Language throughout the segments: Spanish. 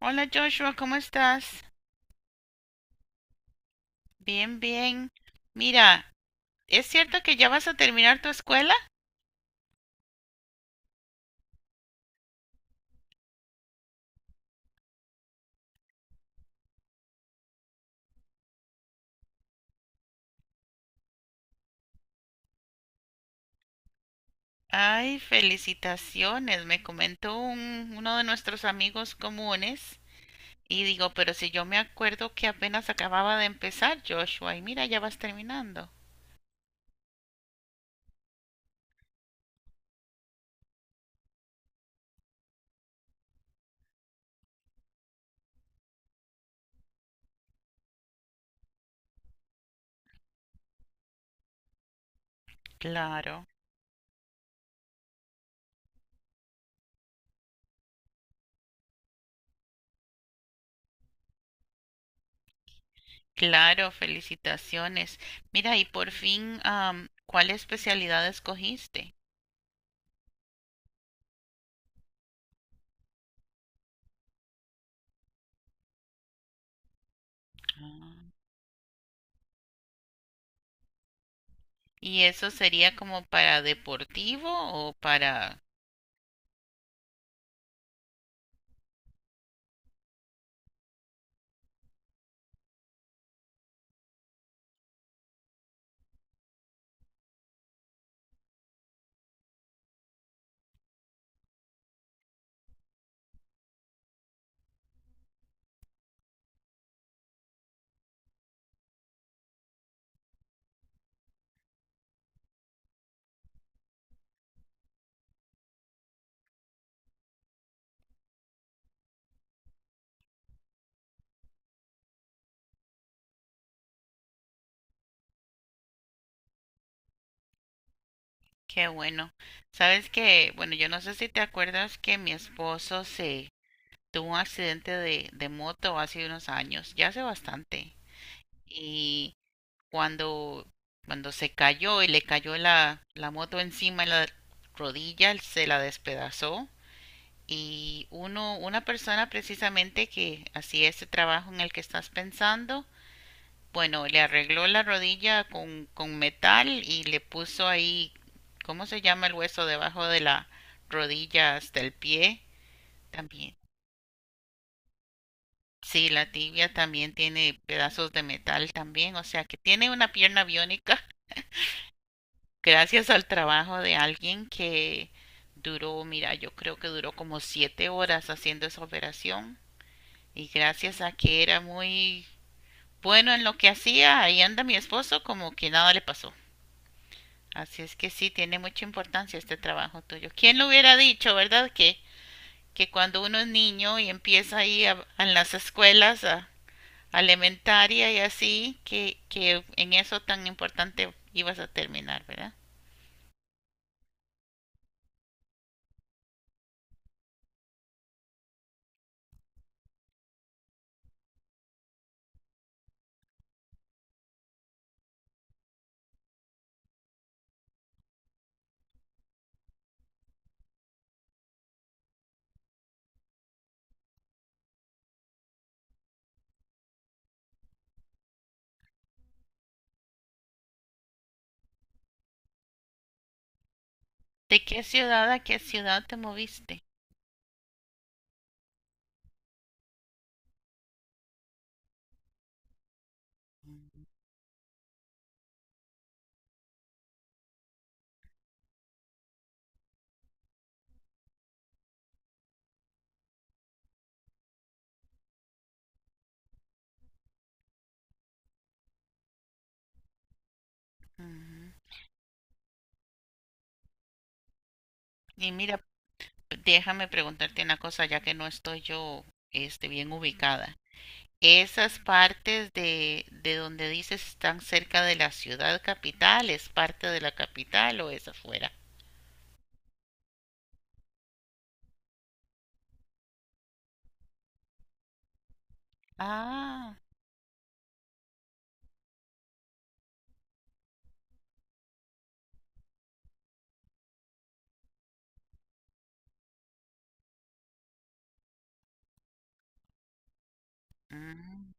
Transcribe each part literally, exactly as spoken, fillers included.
Hola Joshua, ¿cómo estás? Bien, bien. Mira, ¿es cierto que ya vas a terminar tu escuela? Ay, felicitaciones, me comentó un- uno de nuestros amigos comunes. Y digo, pero si yo me acuerdo que apenas acababa de empezar, Joshua, y mira, ya vas terminando. Claro, claro, felicitaciones. Mira, y por fin, am, ¿cuál especialidad escogiste? Ah. ¿Y eso sería como para deportivo o para qué bueno? Sabes que, bueno, yo no sé si te acuerdas que mi esposo se tuvo un accidente de, de moto hace unos años, ya hace bastante. Y cuando, cuando se cayó y le cayó la, la moto encima en la rodilla, él se la despedazó. Y uno, una persona precisamente que hacía ese trabajo en el que estás pensando, bueno, le arregló la rodilla con, con metal y le puso ahí, ¿cómo se llama el hueso debajo de la rodilla hasta el pie? También. Sí, la tibia también tiene pedazos de metal también, o sea que tiene una pierna biónica gracias al trabajo de alguien que duró, mira, yo creo que duró como siete horas haciendo esa operación y gracias a que era muy bueno en lo que hacía, ahí anda mi esposo como que nada le pasó. Así es que sí, tiene mucha importancia este trabajo tuyo. ¿Quién lo hubiera dicho, verdad? Que, que cuando uno es niño y empieza ahí a- en las escuelas, a, a elementaria y así, que, que en eso tan importante ibas a terminar, ¿verdad? ¿De qué ciudad a qué ciudad te moviste? Ujú. Y mira, déjame preguntarte una cosa, ya que no estoy yo, este, bien ubicada. Esas partes de, de donde dices están cerca de la ciudad capital, ¿es parte de la capital o es afuera? Ah, mm.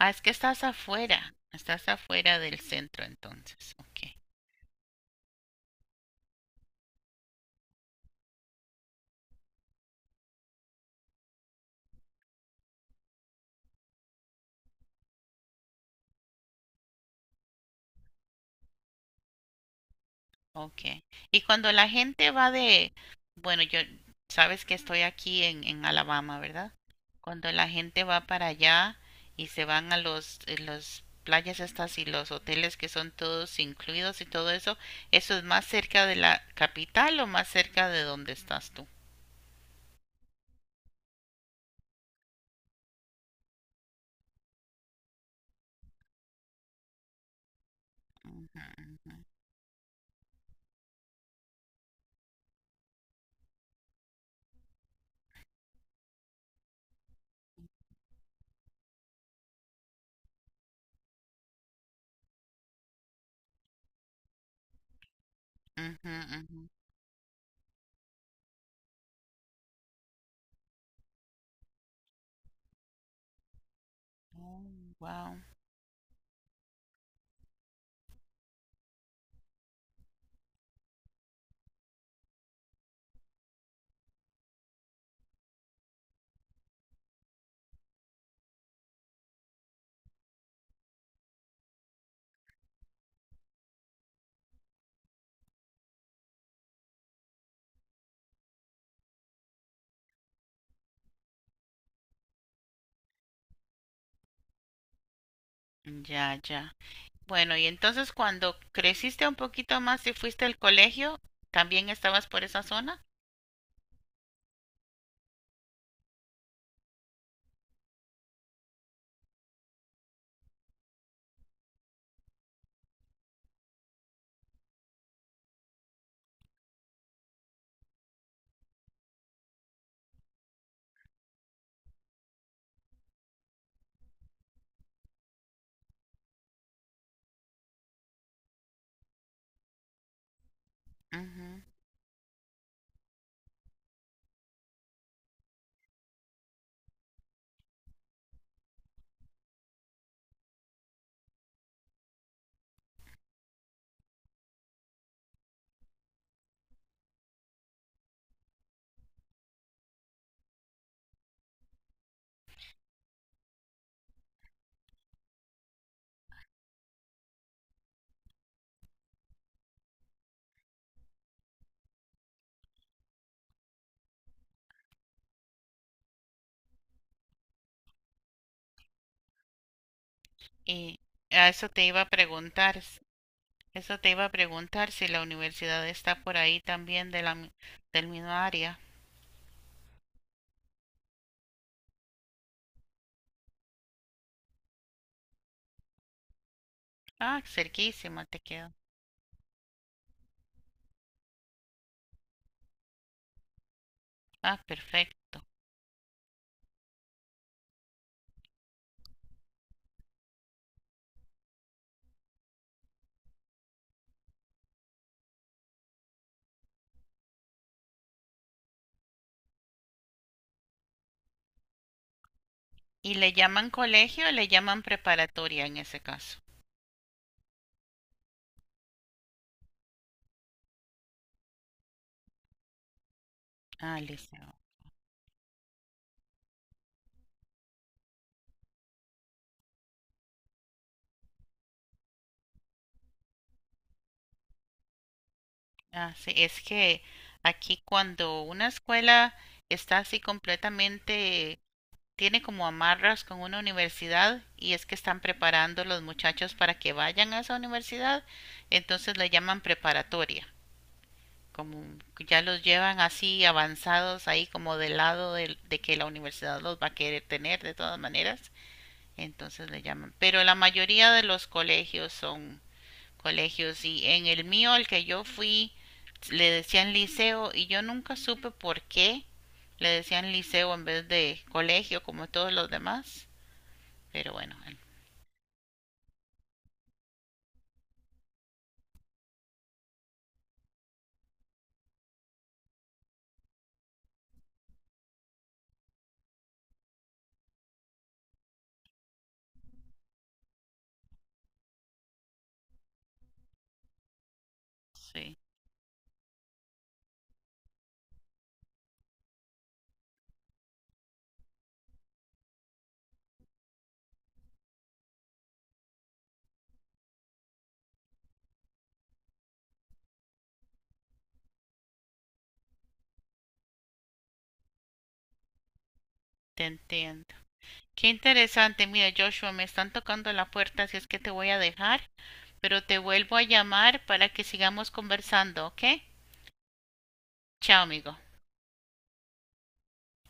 Ah, es que estás afuera, estás afuera del centro entonces, ok. Okay. Y cuando la gente va de, bueno, yo sabes que estoy aquí en, en Alabama, ¿verdad? Cuando la gente va para allá y se van a los, eh, los playas estas y los hoteles que son todos incluidos y todo eso, ¿eso es más cerca de la capital o más cerca de donde estás tú? Ujú, ujú, ujú. Oh, wow. Ya, ya. Bueno, y entonces cuando creciste un poquito más y fuiste al colegio, ¿también estabas por esa zona? Y a eso te iba a preguntar, s- eso te iba a preguntar si la universidad está por ahí también de la, mi- del mismo área. Ah, cerquísima te queda. Ah, perfecto. ¿Y le llaman colegio o le llaman preparatoria en ese caso? Ah, liceo. Ah, sí, es que aquí cuando una escuela está así completamente, tiene como amarras con una universidad y es que están preparando los muchachos para que vayan a esa universidad, entonces le llaman preparatoria. Como ya los llevan así avanzados ahí como del lado de, de que la universidad los va a querer tener de todas maneras, entonces le llaman. Pero la mayoría de los colegios son colegios y en el mío al que yo fui le decían liceo y yo nunca supe por qué le decían liceo en vez de colegio como todos los demás. Pero bueno, sí, te entiendo. Qué interesante, mira Joshua, me están tocando la puerta, así es que te voy a dejar. Pero te vuelvo a llamar para que sigamos conversando, ¿ok? Chao, amigo.